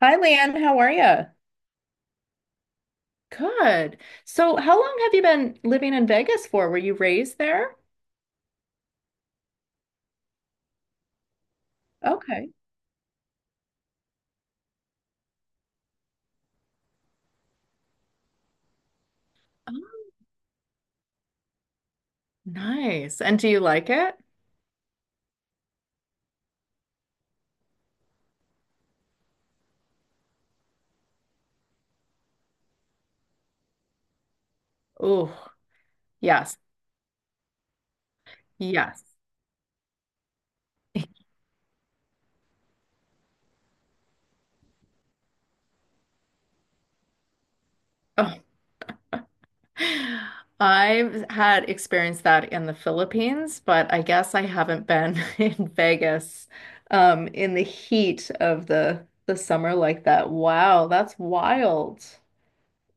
Hi, Lan. How are you? Good. So, how long have you been living in Vegas for? Were you raised there? Okay. Oh. Nice. And do you like it? Oh, yes. Yes. Oh. I've had experienced that in the Philippines, but I guess I haven't been in Vegas in the heat of the summer like that. Wow, that's wild.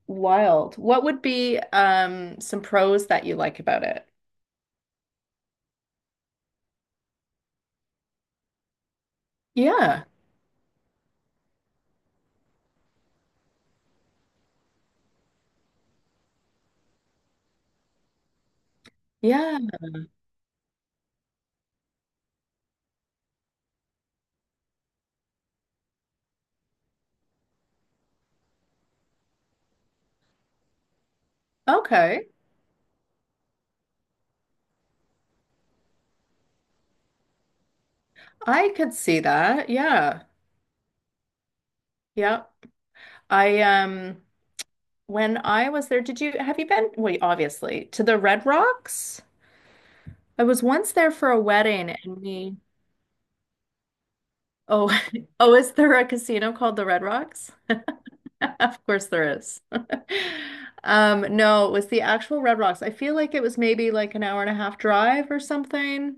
Wild. What would be some pros that you like about it? Yeah. Yeah. Okay. I could see that. Yeah. Yeah. I When I was there, did you have you been? Well, obviously, to the Red Rocks? I was once there for a wedding and we. Oh, oh, is there a casino called the Red Rocks? Of course there is. No, it was the actual Red Rocks. I feel like it was maybe like an hour and a half drive or something.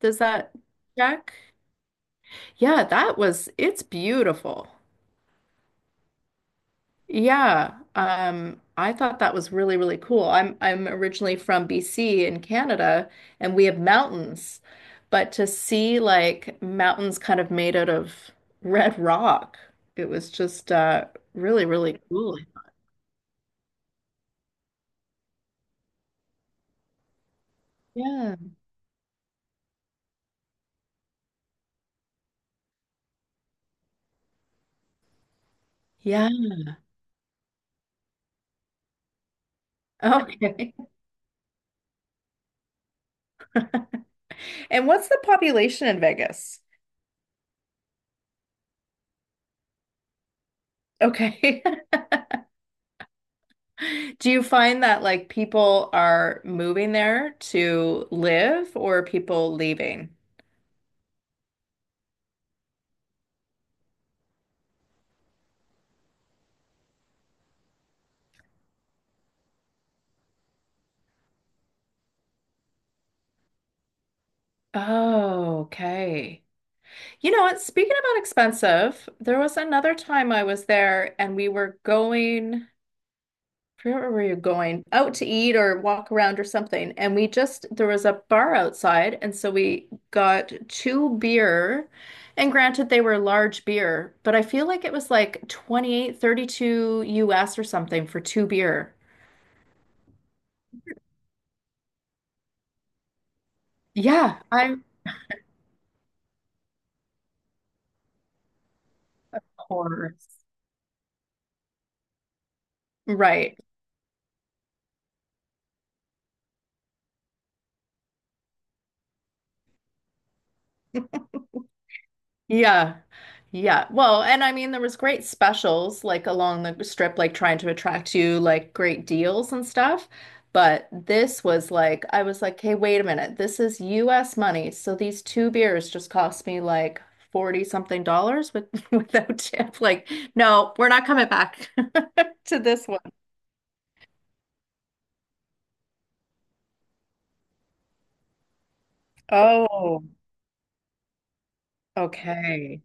Does that check? Yeah, it's beautiful. Yeah, I thought that was really, really cool. I'm originally from BC in Canada, and we have mountains, but to see like mountains kind of made out of red rock, it was just really, really cool. Yeah, yeah. Okay. And what's the population in Vegas? Okay. Do you find that like people are moving there to live or people leaving? Oh, okay. You know what? Speaking about expensive, there was another time I was there and we were going, I forget where we were going, out to eat or walk around or something. And there was a bar outside. And so we got two beer. And granted, they were large beer, but I feel like it was like 28, 30 US or something for two beer. Yeah, I'm of course. Right. Yeah. Yeah. Well, and I mean, there was great specials like along the strip, like trying to attract you like great deals and stuff. But this was like, I was like, hey, wait a minute. This is US money. So these two beers just cost me like 40 something dollars with without tip. Like, no, we're not coming back to this one. Oh, okay.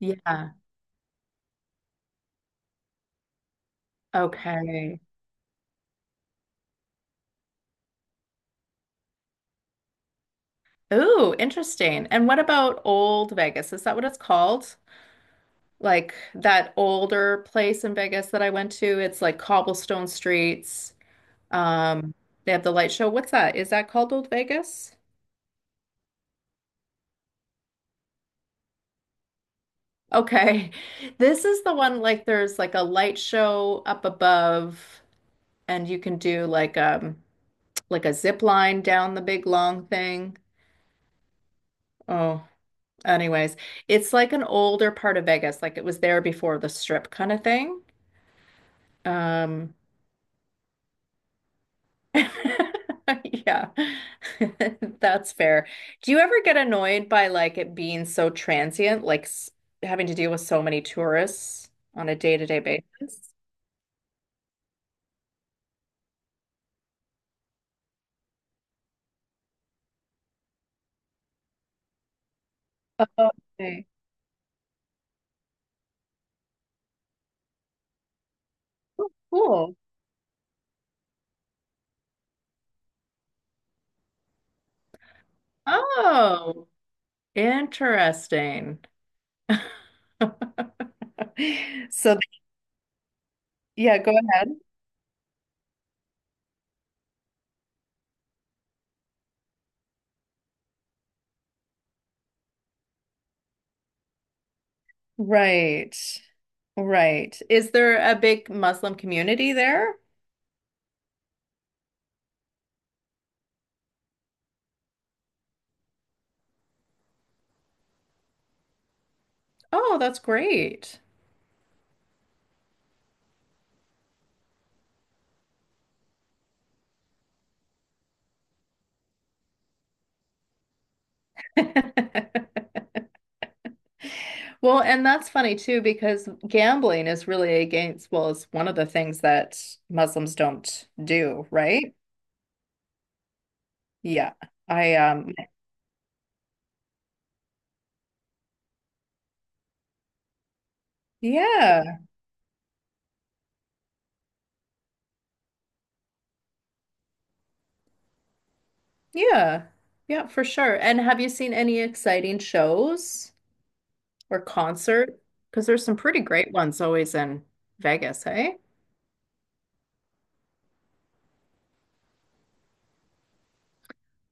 Yeah. Okay. Ooh, interesting. And what about Old Vegas? Is that what it's called? Like that older place in Vegas that I went to. It's like cobblestone streets. Um, they have the light show. What's that? Is that called Old Vegas? Okay. This is the one, like there's like a light show up above, and you can do like a zip line down the big long thing. Oh, anyways, it's like an older part of Vegas, like it was there before the strip kind of thing. Um Yeah, that's fair. Do you ever get annoyed by like it being so transient, like s having to deal with so many tourists on a day-to-day basis? Okay. Oh, cool. Oh, interesting. So, yeah, go ahead. Right, right. Is there a big Muslim community there? Oh, that's great. Well, and that's funny too, because gambling is really against, well, it's one of the things that Muslims don't do, right? Yeah. I, um, yeah, yeah, yeah, for sure. And have you seen any exciting shows or concert? Because there's some pretty great ones always in Vegas, hey?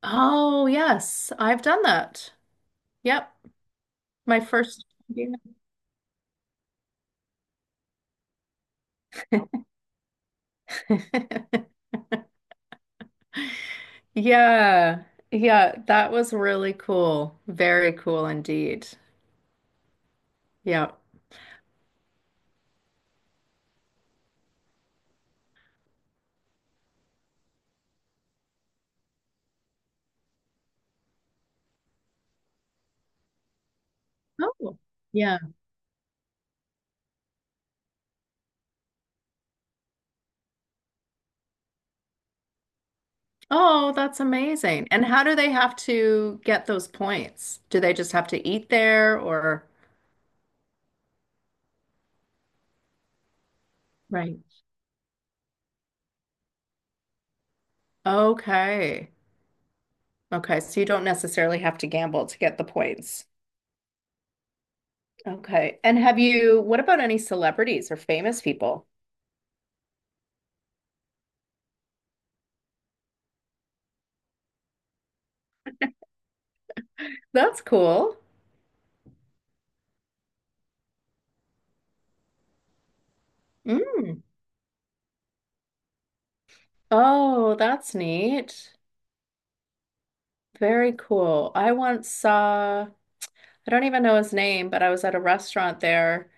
Oh, yes, I've done that. Yep. My first. Yeah. Yeah, yeah, that was really cool. Very cool indeed. Yeah. Oh, yeah. Oh, that's amazing. And how do they have to get those points? Do they just have to eat there or? Right. Okay. Okay. So you don't necessarily have to gamble to get the points. Okay. And what about any celebrities or famous people? That's cool. Mm. Oh, that's neat. Very cool. I once saw, I don't even know his name, but I was at a restaurant there.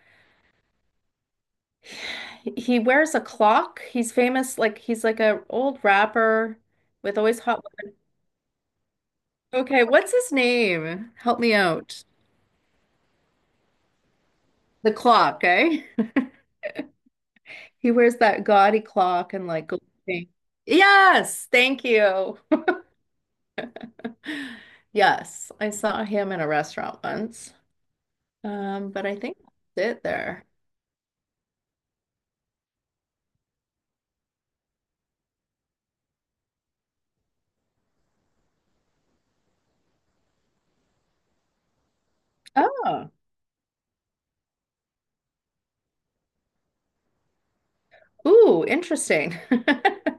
He wears a clock. He's famous, like he's like a old rapper with always hot women. Okay, what's his name? Help me out. The clock, eh? He wears that gaudy clock and like gold chain. Yes, thank you. Yes, I saw him in a restaurant once. But I think that's it there. Oh, ooh, interesting.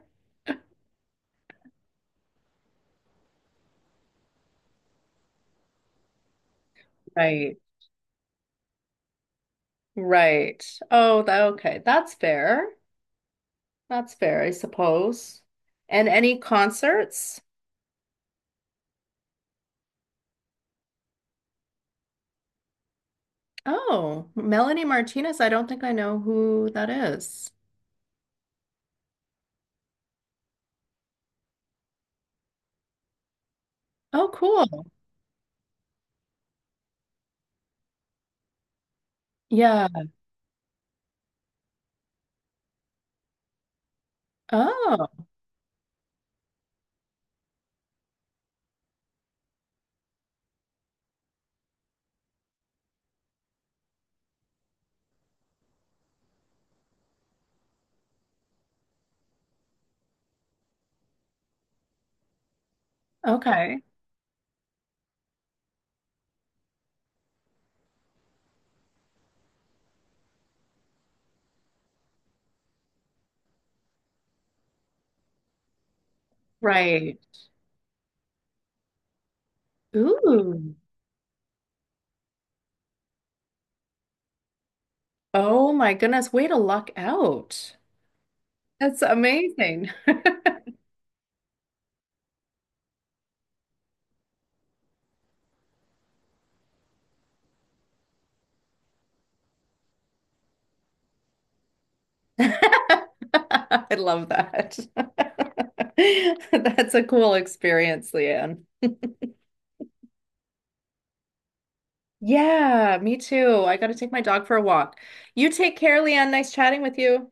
Right, right. Oh, okay, that's fair. That's fair, I suppose. And any concerts? Oh, Melanie Martinez. I don't think I know who that is. Oh, cool. Yeah. Oh, okay. Right. Ooh. Oh my goodness. Way to luck out. That's amazing. I love that. That's a cool experience, Leanne. Yeah, me too. I got to take my dog for a walk. You take care, Leanne. Nice chatting with you.